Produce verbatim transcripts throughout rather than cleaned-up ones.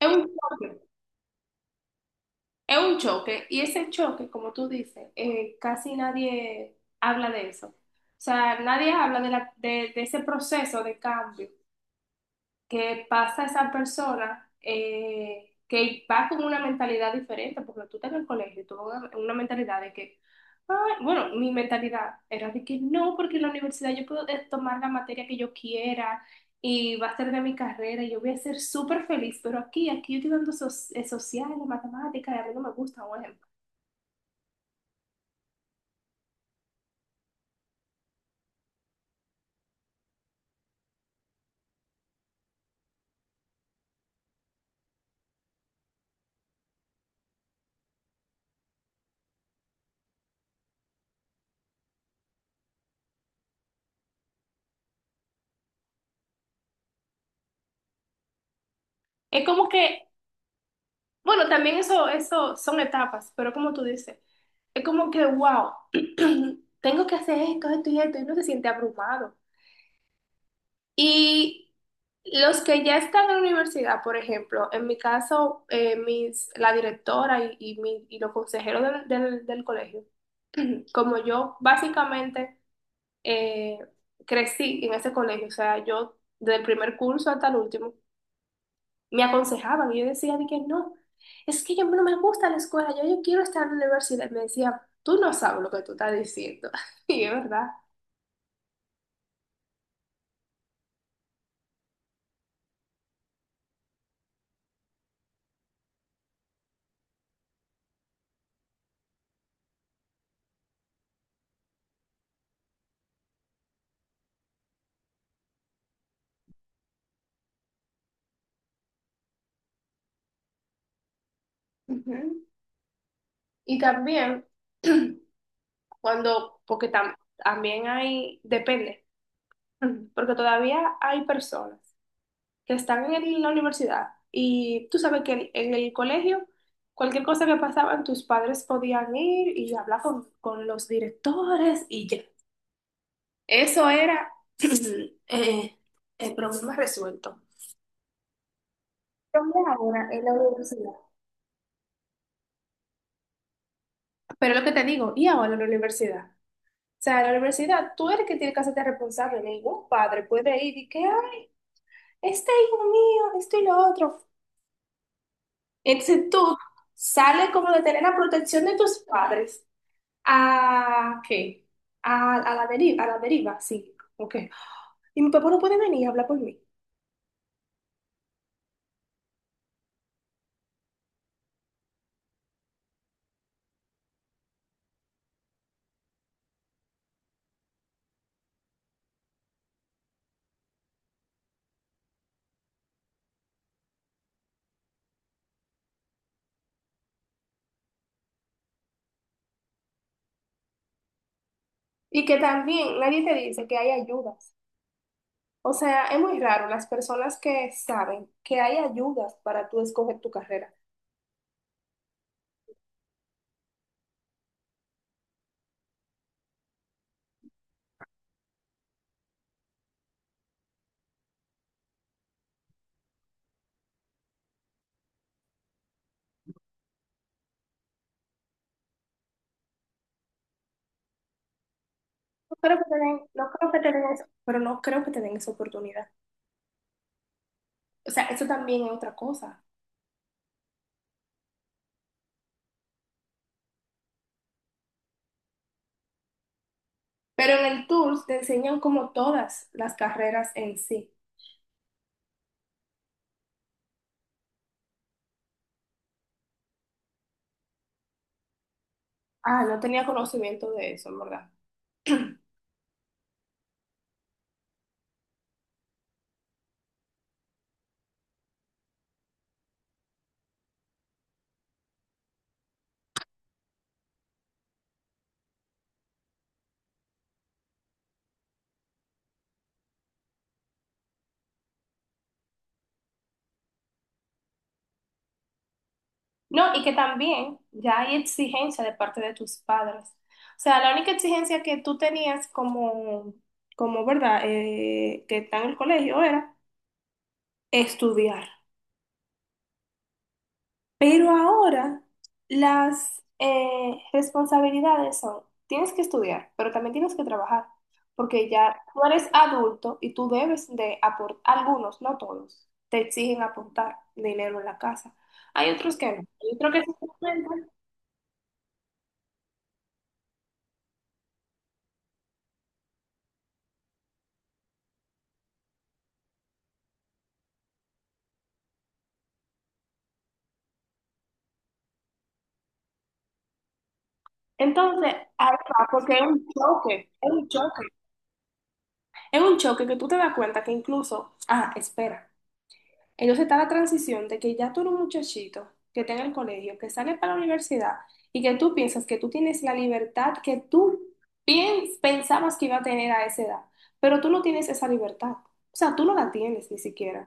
Es un choque, es un choque. Y ese choque, como tú dices, eh, casi nadie habla de eso. O sea, nadie habla de, la- de, de ese proceso de cambio. Que pasa esa persona eh, que va con una mentalidad diferente, porque tú estás en el colegio, y tú vas con una mentalidad de que, "Ay", bueno, mi mentalidad era de que no, porque en la universidad yo puedo eh, tomar la materia que yo quiera y va a ser de mi carrera y yo voy a ser súper feliz, pero aquí, aquí yo estoy dando so- eh, sociales, matemáticas, y a mí no me gusta, por ejemplo. Es como que bueno, también eso, eso son etapas, pero como tú dices, es como que, wow, tengo que hacer esto, esto y esto, y uno se siente abrumado. Y los que ya están en la universidad, por ejemplo, en mi caso, eh, mis, la directora y, y, mi- y los consejeros del, del- del colegio, como yo básicamente eh, crecí en ese colegio, o sea, yo del primer curso hasta el último, me aconsejaban y yo decía de que no, es que yo no me gusta la escuela, yo, yo quiero estar en la universidad. Y me decía, tú no sabes lo que tú estás diciendo. Y es verdad. Ujú. Y también, cuando, porque tam- también hay, depende, porque todavía hay personas que están en la universidad y tú sabes que en, en el colegio, cualquier cosa que pasaban, tus padres podían ir y hablar con, con los directores y ya. Eso era eh, el problema resuelto. ¿Dónde ahora? En la universidad. Pero lo que te digo, y ahora en la universidad. O sea, en la universidad, tú eres el que tiene que hacerte responsable. Ningún padre puede ir y que, ay, este hijo mío, esto y lo otro. Entonces tú sales como de tener la protección de tus padres a, ¿qué? A, a la deriva, a la deriva, sí. Ok. Y mi papá no puede venir a hablar por mí. Y que también nadie te dice que hay ayudas. O sea, es muy raro las personas que saben que hay ayudas para tú escoger tu carrera. No creo que te den, no creo que te den eso, pero no creo que te den esa oportunidad. O sea, eso también es otra cosa. Pero en el Tours te enseñan como todas las carreras en sí. Ah, no tenía conocimiento de eso, en verdad. No, y que también ya hay exigencia de parte de tus padres. O sea, la única exigencia que tú tenías como, como verdad, eh, que está en el colegio era estudiar. Pero ahora las eh, responsabilidades son, tienes que estudiar, pero también tienes que trabajar, porque ya tú eres adulto y tú debes de aportar, algunos, no todos, te exigen aportar dinero en la casa. Hay otros que no. Hay otros que se entonces, ahí va, porque es un choque, es un choque, es un choque que tú te das cuenta que incluso, ah, espera, entonces está la transición de que ya tú eres un muchachito que está en el colegio, que sale para la universidad y que tú piensas que tú tienes la libertad que tú piens- pensabas que iba a tener a esa edad, pero tú no tienes esa libertad, o sea, tú no la tienes ni siquiera.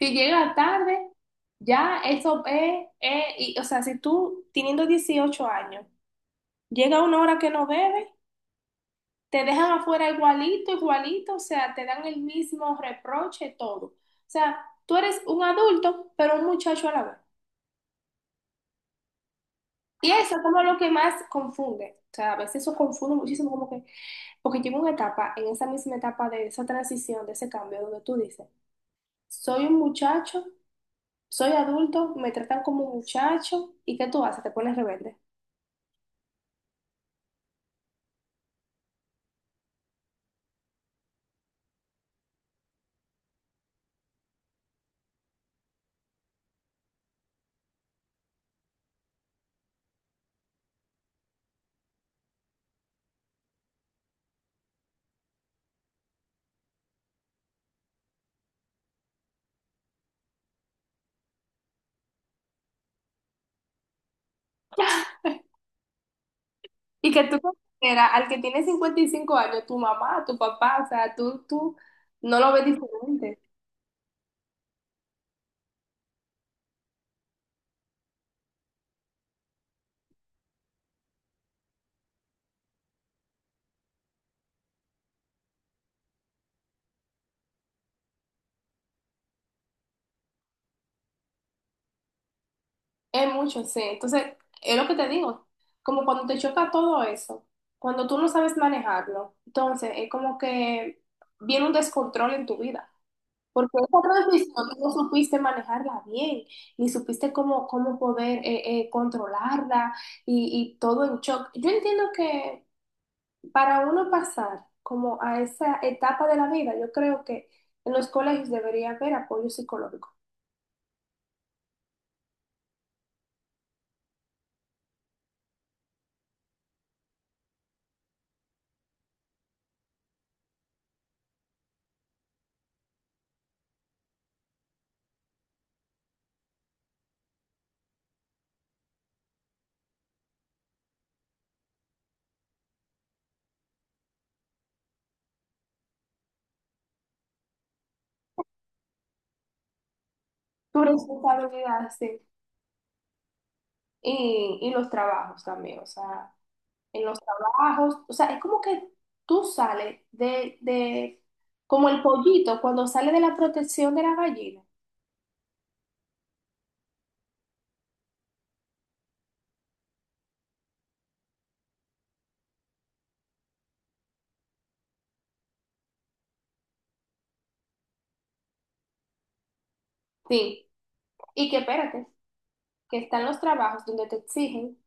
Si llega tarde, ya eso es, es- y, o sea, si tú teniendo dieciocho años, llega una hora que no bebe, te dejan afuera igualito, igualito, o sea, te dan el mismo reproche, todo. O sea, tú eres un adulto, pero un muchacho a la vez. Y eso es como lo que más confunde. O sea, a veces eso confunde muchísimo, como que, porque llega una etapa, en esa misma etapa de esa transición, de ese cambio, donde tú dices, soy un muchacho, soy adulto, me tratan como muchacho, ¿y qué tú haces? Te pones rebelde. Y que tú consideras al que tiene cincuenta y cinco años, tu mamá, tu papá, o sea, tú, tú no lo ves diferente. Es mucho, sí. Entonces, es lo que te digo, como cuando te choca todo eso, cuando tú no sabes manejarlo, entonces es como que viene un descontrol en tu vida, porque esa transmisión tú no supiste manejarla bien, ni supiste cómo, cómo poder eh, eh, controlarla y, y todo en shock. Yo entiendo que para uno pasar como a esa etapa de la vida, yo creo que en los colegios debería haber apoyo psicológico. Tu responsabilidad, sí. Y, y los trabajos también, o sea, en los trabajos, o sea, es como que tú sales de, de, como el pollito cuando sale de la protección de la gallina. Sí, y que espérate, que están los trabajos donde te exigen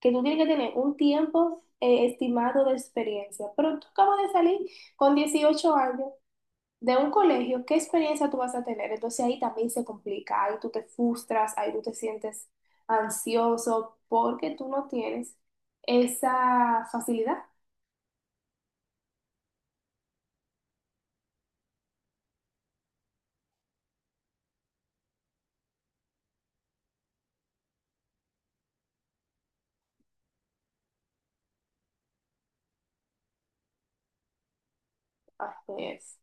que tú tienes que tener un tiempo eh, estimado de experiencia, pero tú acabas de salir con dieciocho años de un colegio, ¿qué experiencia tú vas a tener? Entonces ahí también se complica, ahí tú te frustras, ahí tú te sientes ansioso porque tú no tienes esa facilidad. Así es.